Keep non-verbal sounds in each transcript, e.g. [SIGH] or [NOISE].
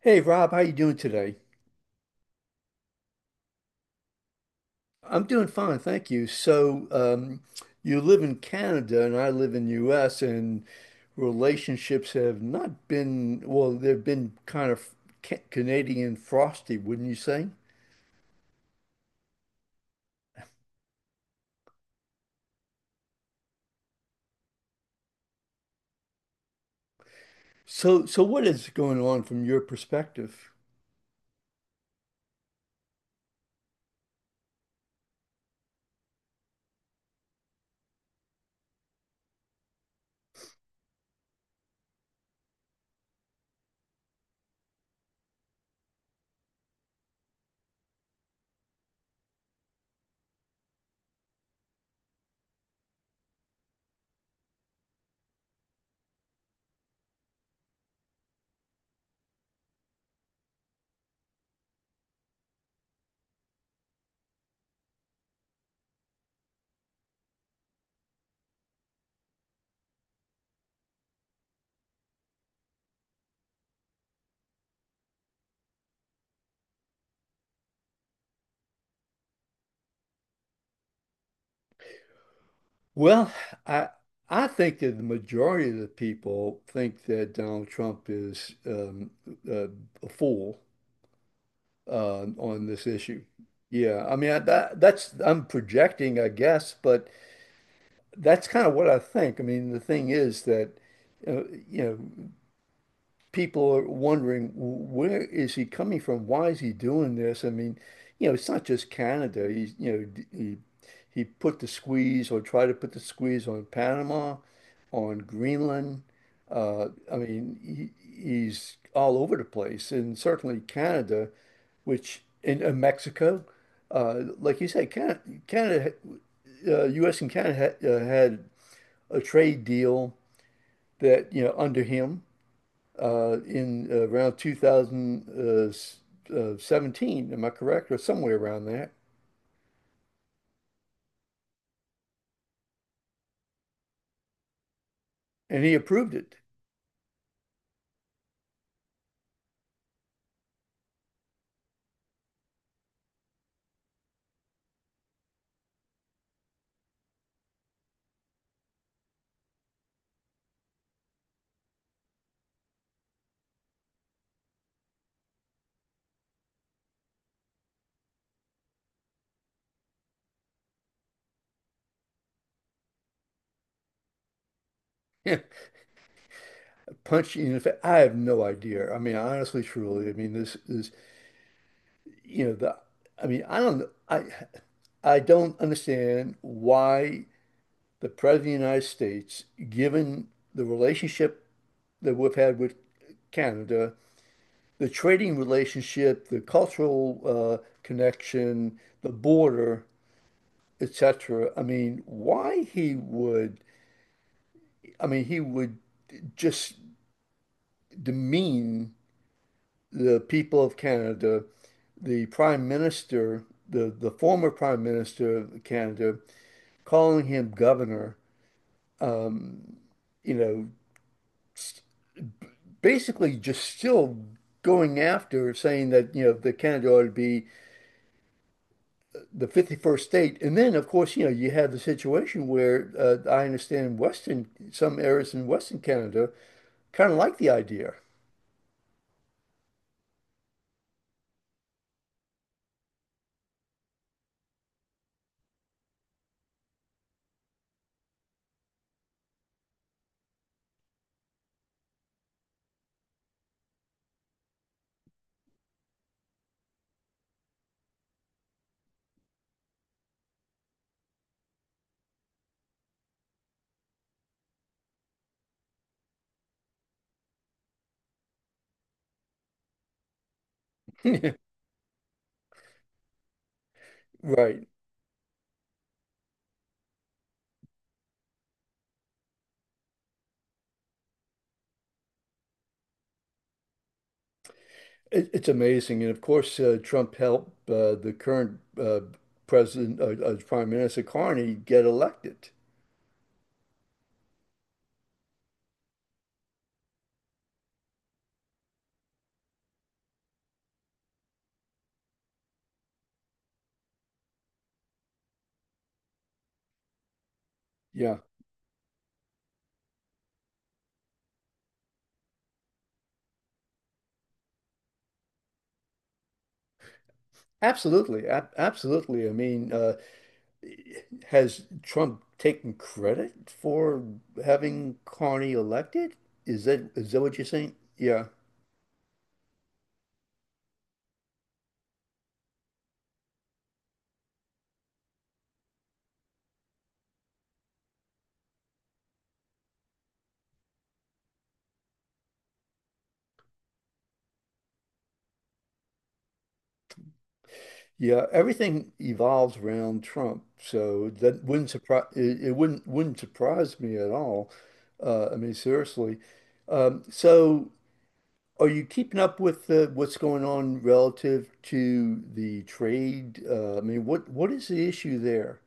Hey Rob, how you doing today? I'm doing fine, thank you. You live in Canada and I live in US, and relationships have not been, well, they've been kind of Canadian frosty, wouldn't you say? So what is going on from your perspective? Well, I I think that the majority of the people think that Donald Trump is uh, a fool on this issue. Yeah, I mean that's I'm projecting, I guess, but that's kind of what I think. I mean, the thing is that uh, you know people are wondering, where is he coming from? Why is he doing this? I mean, you know, it's not just Canada. He's, you know, he put the squeeze, or tried to put the squeeze, on Panama, on Greenland. I mean, he's all over the place, and certainly Canada which in, Mexico, like you said, Canada, Canada, U.S. and Canada had, had a trade deal that, you know, under him, in around 2017. Am I correct, or somewhere around that? And he approved it. [LAUGHS] Yeah, punch you in the fa- I have no idea. I mean, honestly, truly, I mean, this is, you know the. I mean, I don't. I don't understand why the President of the United States, given the relationship that we've had with Canada, the trading relationship, the cultural connection, the border, etc. I mean, why he would, I mean, he would just demean the people of Canada, the Prime Minister, the former Prime Minister of Canada, calling him governor, you know, basically just still going after, saying that, you know, the Canada ought to be the 51st state. And then, of course, you know, you have the situation where I understand Western, some areas in Western Canada kind of like the idea. [LAUGHS] Right. It, it's amazing. And of course, Trump helped the current Prime Minister Carney get elected. Yeah, absolutely. Ab Absolutely. I mean, has Trump taken credit for having Carney elected? Is that what you're saying? Yeah. Yeah, everything evolves around Trump, so that wouldn't surprise it, it wouldn't surprise me at all. I mean, seriously. Um, so, are you keeping up with what's going on relative to the trade? I mean, what is the issue there?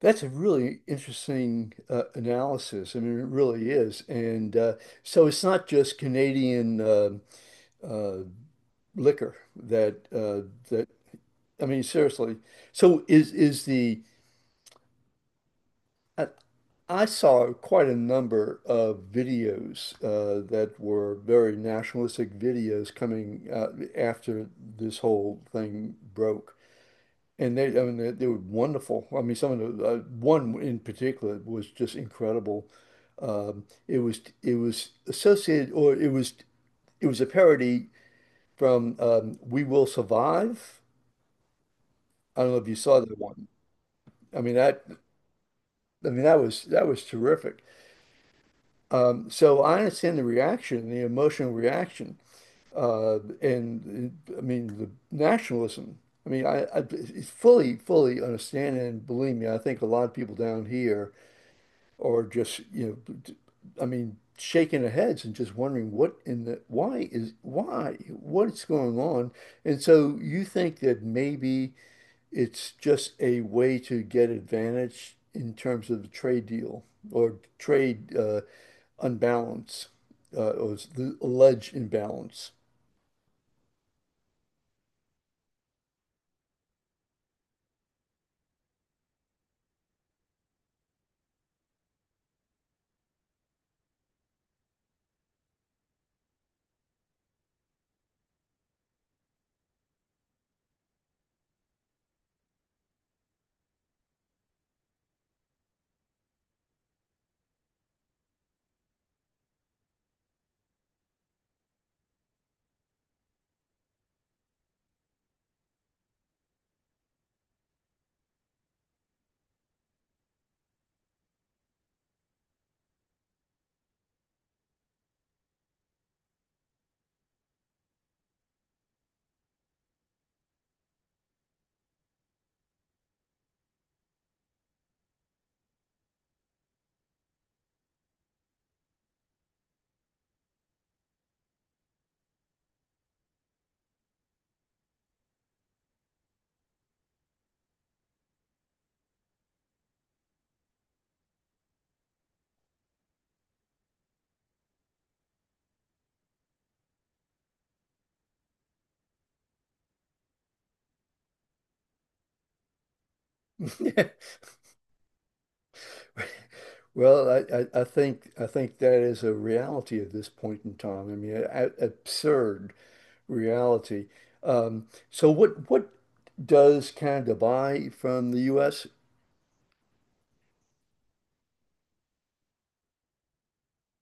That's a really interesting analysis. I mean, it really is. And so it's not just Canadian uh, liquor that that I mean, seriously. So is the I, I saw quite a number of videos that were very nationalistic videos coming after this whole thing broke. And they, I mean, they were wonderful. I mean, some of the one in particular was just incredible. It was, it was associated, or it was, it was a parody from, We Will Survive. I don't know if you saw that one. I mean that I mean that was, that was terrific. So I understand the reaction, the emotional reaction, and I mean the nationalism. I mean I fully understand, and believe me, I think a lot of people down here or just, you know, I mean, shaking their heads and just wondering what in the why is why what's going on. And so you think that maybe it's just a way to get advantage in terms of the trade deal or trade unbalance or the alleged imbalance. [LAUGHS] Well, I think that is a reality at this point in time. I mean, absurd reality. What does Canada buy from the U.S.?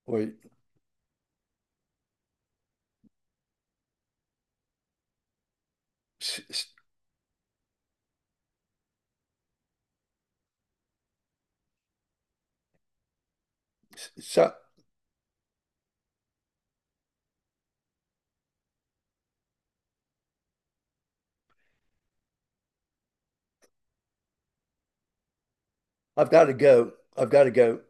Wait, s- s- s- so I've got to go. I've got to go.